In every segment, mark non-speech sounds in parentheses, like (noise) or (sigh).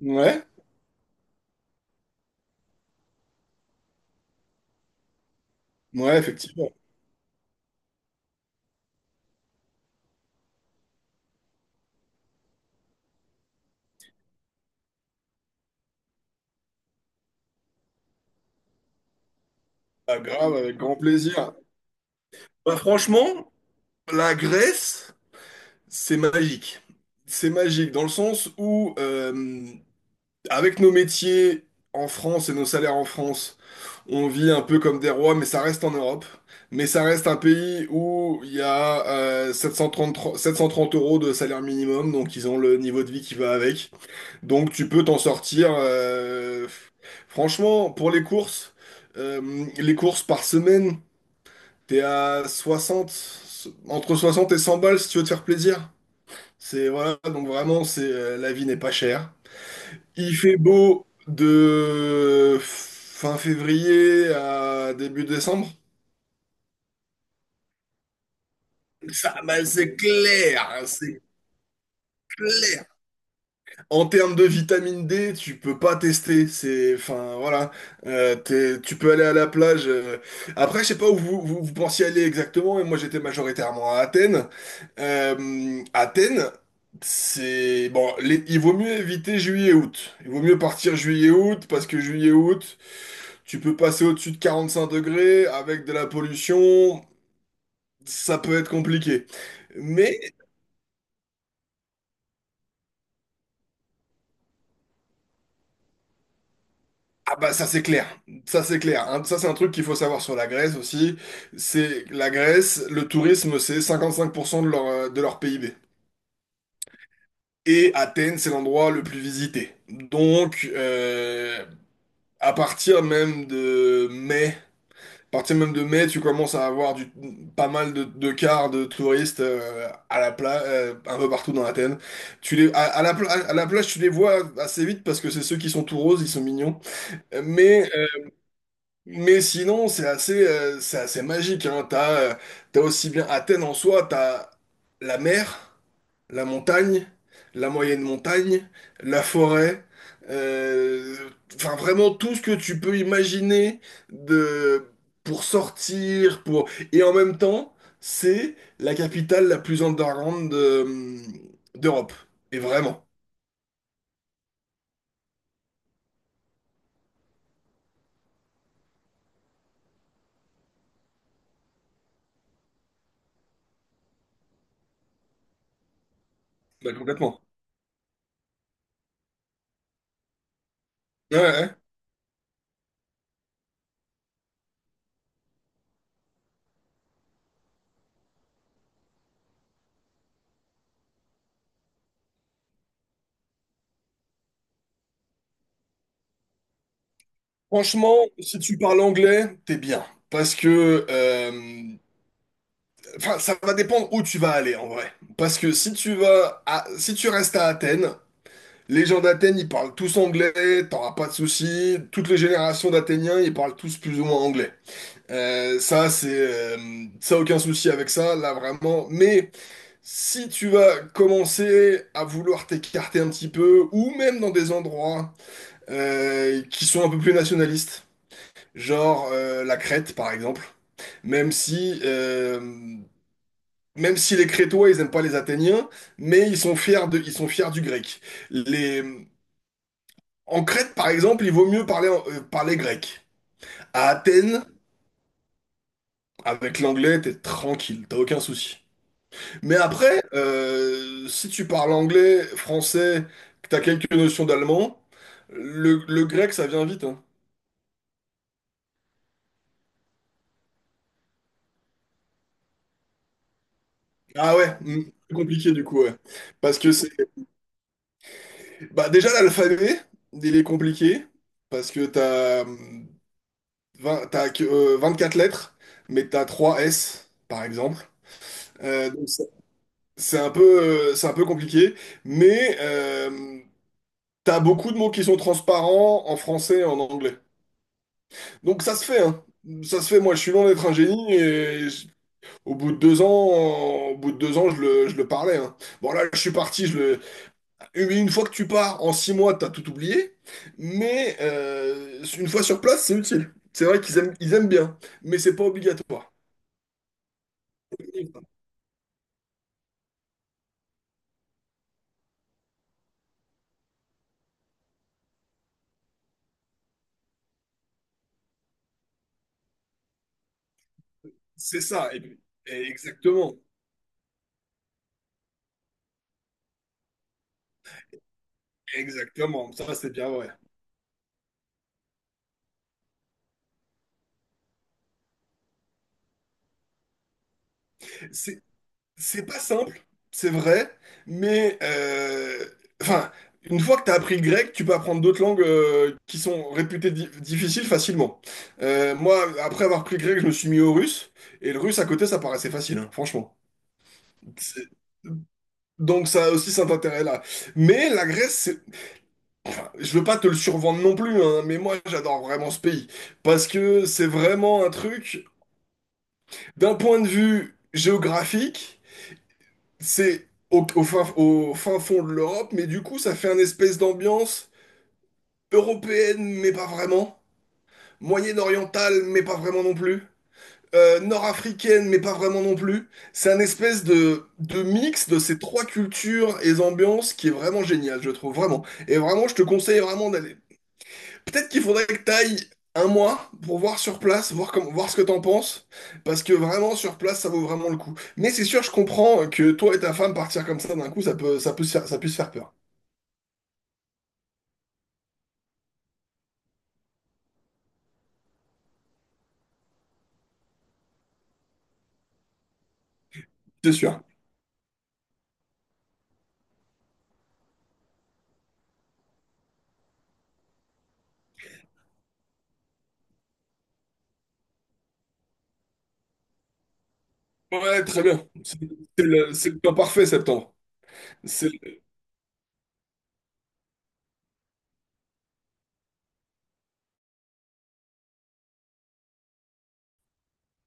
Ouais, ouais, effectivement. Ah, grave, avec grand plaisir. Bah, franchement, la Grèce, c'est magique. C'est magique dans le sens où, avec nos métiers en France et nos salaires en France, on vit un peu comme des rois, mais ça reste en Europe. Mais ça reste un pays où il y a 733 730 euros de salaire minimum, donc ils ont le niveau de vie qui va avec. Donc tu peux t'en sortir. Franchement, pour les courses par semaine, t'es à 60, entre 60 et 100 balles si tu veux te faire plaisir. C'est voilà, donc vraiment, c'est la vie n'est pas chère. Il fait beau de fin février à début décembre. Ça, bah, c'est clair, c'est clair. En termes de vitamine D, tu peux pas tester. C'est, enfin, voilà. Tu peux aller à la plage. Après, je sais pas où vous pensiez aller exactement. Mais moi, j'étais majoritairement à Athènes. Athènes, c'est bon. Il vaut mieux éviter juillet-août. Il vaut mieux partir juillet-août parce que juillet-août, tu peux passer au-dessus de 45 degrés avec de la pollution. Ça peut être compliqué. Ah bah ça c'est clair, ça c'est clair. Hein, ça c'est un truc qu'il faut savoir sur la Grèce aussi. C'est la Grèce, le tourisme c'est 55% de leur PIB. Et Athènes c'est l'endroit le plus visité. Donc à partir même de mai, tu commences à avoir pas mal de cars de touristes à la plage, un peu partout dans Athènes. Tu les, à la, pla- À la plage tu les vois assez vite parce que c'est ceux qui sont tout roses, ils sont mignons. Mais sinon, c'est assez magique, hein. T'as aussi bien Athènes en soi, t'as la mer, la montagne, la moyenne montagne, la forêt, euh, enfin vraiment tout ce que tu peux imaginer de, pour sortir, pour... Et en même temps, c'est la capitale la plus underground d'Europe. Et vraiment. Bah, complètement. Ouais, ouais. Franchement, si tu parles anglais, t'es bien. Parce que, enfin, ça va dépendre où tu vas aller en vrai. Parce que si tu restes à Athènes, les gens d'Athènes, ils parlent tous anglais, t'auras pas de soucis. Toutes les générations d'Athéniens, ils parlent tous plus ou moins anglais. Ça, c'est, ça aucun souci avec ça, là vraiment. Mais si tu vas commencer à vouloir t'écarter un petit peu, ou même dans des endroits qui sont un peu plus nationalistes. Genre la Crète, par exemple. Même si, euh, même si les Crétois, ils n'aiment pas les Athéniens, mais ils sont fiers du grec. Les, en Crète, par exemple, il vaut mieux parler grec. À Athènes, avec l'anglais, t'es tranquille, t'as aucun souci. Mais après, si tu parles anglais, français, que t'as quelques notions d'allemand, le grec, ça vient vite, hein. Ah ouais, mm, plus compliqué du coup, ouais. Parce que c'est Bah déjà l'alphabet, il est compliqué parce que t'as 20 t'as que, 24 lettres, mais t'as 3 S par exemple. Donc c'est un peu c'est un peu compliqué, mais t'as beaucoup de mots qui sont transparents en français et en anglais. Donc ça se fait, hein. Ça se fait. Moi, je suis loin d'être un génie et au bout de 2 ans, je le parlais. Hein. Bon là, je suis parti, une fois que tu pars, en 6 mois, t'as tout oublié. Mais une fois sur place, c'est utile. C'est vrai qu'ils aiment bien, mais c'est pas obligatoire. C'est ça. Et exactement. Exactement. Ça, c'est bien vrai. C'est c'est pas simple, c'est vrai, mais enfin, une fois que t'as appris le grec, tu peux apprendre d'autres langues qui sont réputées difficiles facilement. Moi, après avoir pris le grec, je me suis mis au russe, et le russe à côté, ça paraissait facile, hein, franchement. C'est- Donc ça a aussi cet intérêt-là. Mais la Grèce, c'est... enfin, je veux pas te le survendre non plus, hein, mais moi j'adore vraiment ce pays. Parce que c'est vraiment un truc, d'un point de vue géographique, c'est au fin fond de l'Europe, mais du coup ça fait une espèce d'ambiance européenne, mais pas vraiment. Moyen-orientale, mais pas vraiment non plus. Nord-africaine, mais pas vraiment non plus. C'est un espèce de mix de ces trois cultures et ambiances qui est vraiment génial, je trouve, vraiment. Et vraiment, je te conseille vraiment d'aller. Peut-être qu'il faudrait que t'ailles un mois pour voir sur place, voir comment, voir ce que t'en penses, parce que vraiment, sur place, ça vaut vraiment le coup. Mais c'est sûr, je comprends que toi et ta femme partir comme ça d'un coup, ça peut se faire, ça puisse faire peur. C'est sûr. Ouais, très bien. C'est le temps parfait, septembre. C'est,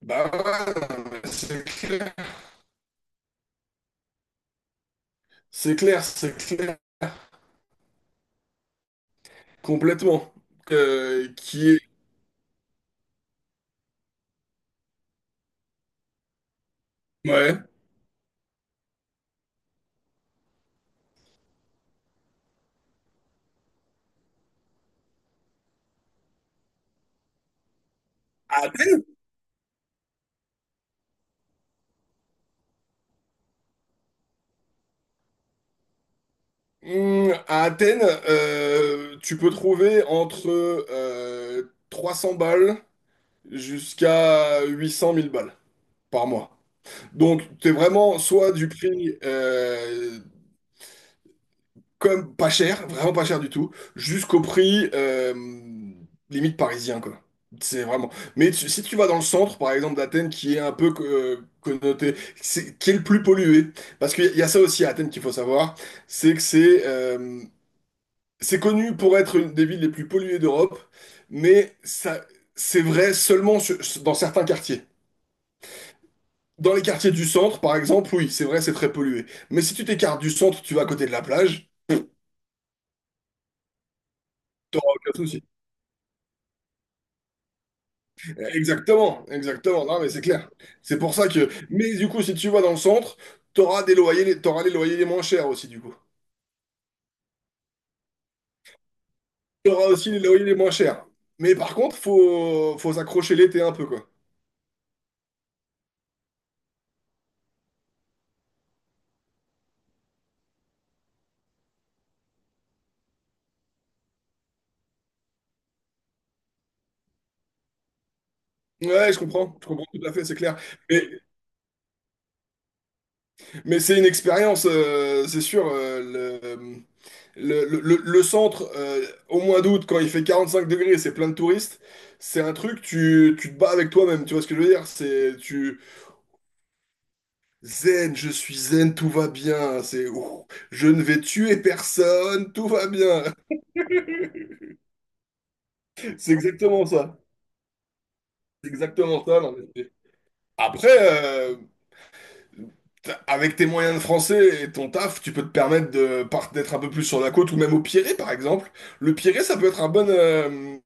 bah ouais, c'est clair. C'est clair, c'est clair. Complètement. Qui est... Ouais. À Athènes? À Athènes, tu peux trouver entre 300 balles jusqu'à 800 000 balles par mois. Donc, tu es vraiment soit du prix comme pas cher, vraiment pas cher du tout, jusqu'au prix limite parisien, quoi. C'est vraiment. Si tu vas dans le centre, par exemple, d'Athènes, qui est un peu connoté, qui est le plus pollué, parce qu'il y a ça aussi à Athènes qu'il faut savoir, c'est que c'est connu pour être une des villes les plus polluées d'Europe, mais ça, c'est vrai seulement dans certains quartiers. Dans les quartiers du centre, par exemple, oui, c'est vrai, c'est très pollué. Mais si tu t'écartes du centre, tu vas à côté de la plage, t'auras aucun souci. Exactement, exactement. Non, mais c'est clair. C'est pour ça que. Mais du coup, si tu vas dans le centre, t'auras les loyers les moins chers aussi, du coup. T'auras aussi les loyers les moins chers. Mais par contre, faut s'accrocher l'été un peu, quoi. Ouais, je comprends tout à fait, c'est clair. Mais, mais c'est une expérience, c'est sûr. Centre, au mois d'août, quand il fait 45 degrés, c'est plein de touristes. C'est un truc, tu te bats avec toi-même, tu vois ce que je veux dire? Zen, je suis zen, tout va bien. C'est ouh, je ne vais tuer personne, tout va bien. (laughs) C'est exactement ça. C'est exactement ça. Non, après, avec tes moyens de français et ton taf, tu peux te permettre de d'être un peu plus sur la côte ou même au Pirée, par exemple. Le Pirée, ça peut être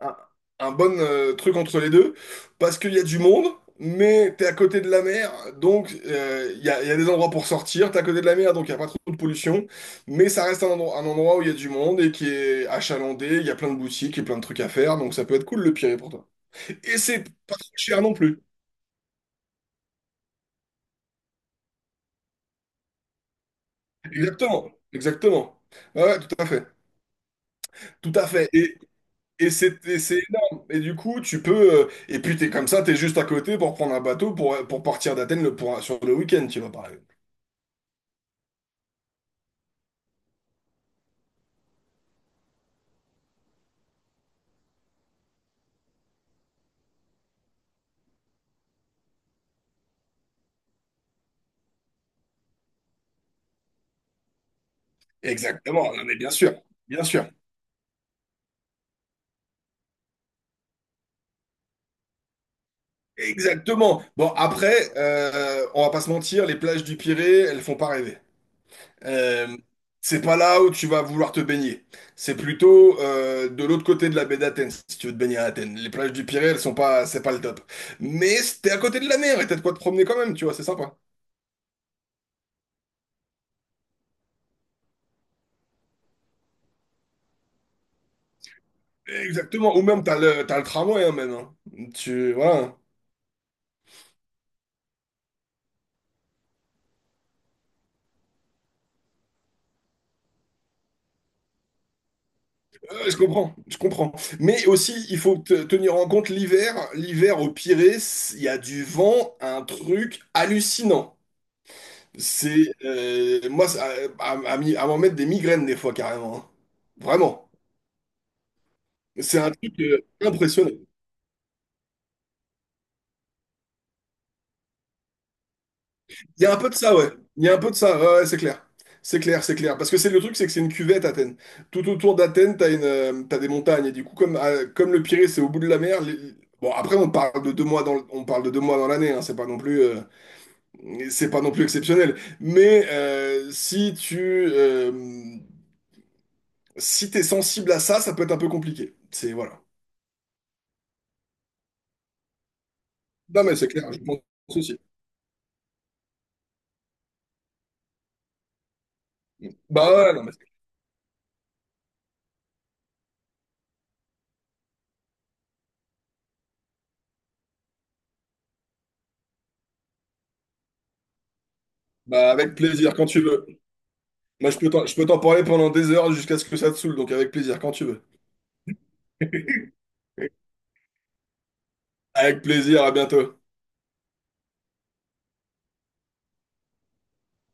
un, un bon truc entre les deux parce qu'il y a du monde, mais t'es à côté de la mer, donc il y a des endroits pour sortir. T'es à côté de la mer, donc il n'y a pas trop de pollution, mais ça reste un endroit où il y a du monde et qui est achalandé. Il y a plein de boutiques et plein de trucs à faire, donc ça peut être cool le Pirée pour toi. Et c'est pas trop cher non plus. Exactement, exactement. Ouais, ouais, tout à fait. Tout à fait. Et c'est énorme. Et du coup, tu peux. Et puis, t'es comme ça, t'es juste à côté pour prendre un bateau pour partir d'Athènes sur le week-end, tu vois, par exemple. Exactement. Non, mais bien sûr. Bien sûr. Exactement. Bon, après, on va pas se mentir, les plages du Pirée, elles font pas rêver. Euh, c'est pas là où tu vas vouloir te baigner. C'est plutôt de l'autre côté de la baie d'Athènes, si tu veux te baigner à Athènes. Les plages du Pirée, elles sont pas. C'est pas le top. Mais t'es à côté de la mer et t'as de quoi te promener quand même, tu vois, c'est sympa. Exactement, ou même t'as le tramway hein, même. Hein. Tu, voilà. Je comprends, je comprends. Mais aussi, il faut tenir en compte l'hiver. L'hiver au Pirée, il y a du vent, un truc hallucinant. C'est, moi, à m'en mettre des migraines des fois carrément. Hein. Vraiment. C'est un truc impressionnant. Il y a un peu de ça, ouais. Il y a un peu de ça, ouais, ouais, c'est clair. C'est clair, c'est clair. Parce que c'est le truc, c'est que c'est une cuvette, Athènes. Tout autour d'Athènes, t'as des montagnes. Et du coup, comme, comme le Pirée, c'est au bout de la mer. Bon, après, on parle de 2 mois dans l'année. Hein, c'est pas non plus, c'est pas non plus exceptionnel. Mais si t'es sensible à ça, ça peut être un peu compliqué. C'est voilà. Non, mais c'est clair. Je pense aussi. Bah ouais, non, mais bah avec plaisir quand tu veux. Moi, je peux t'en parler pendant des heures jusqu'à ce que ça te saoule. Donc avec plaisir quand tu veux. Avec plaisir, à bientôt.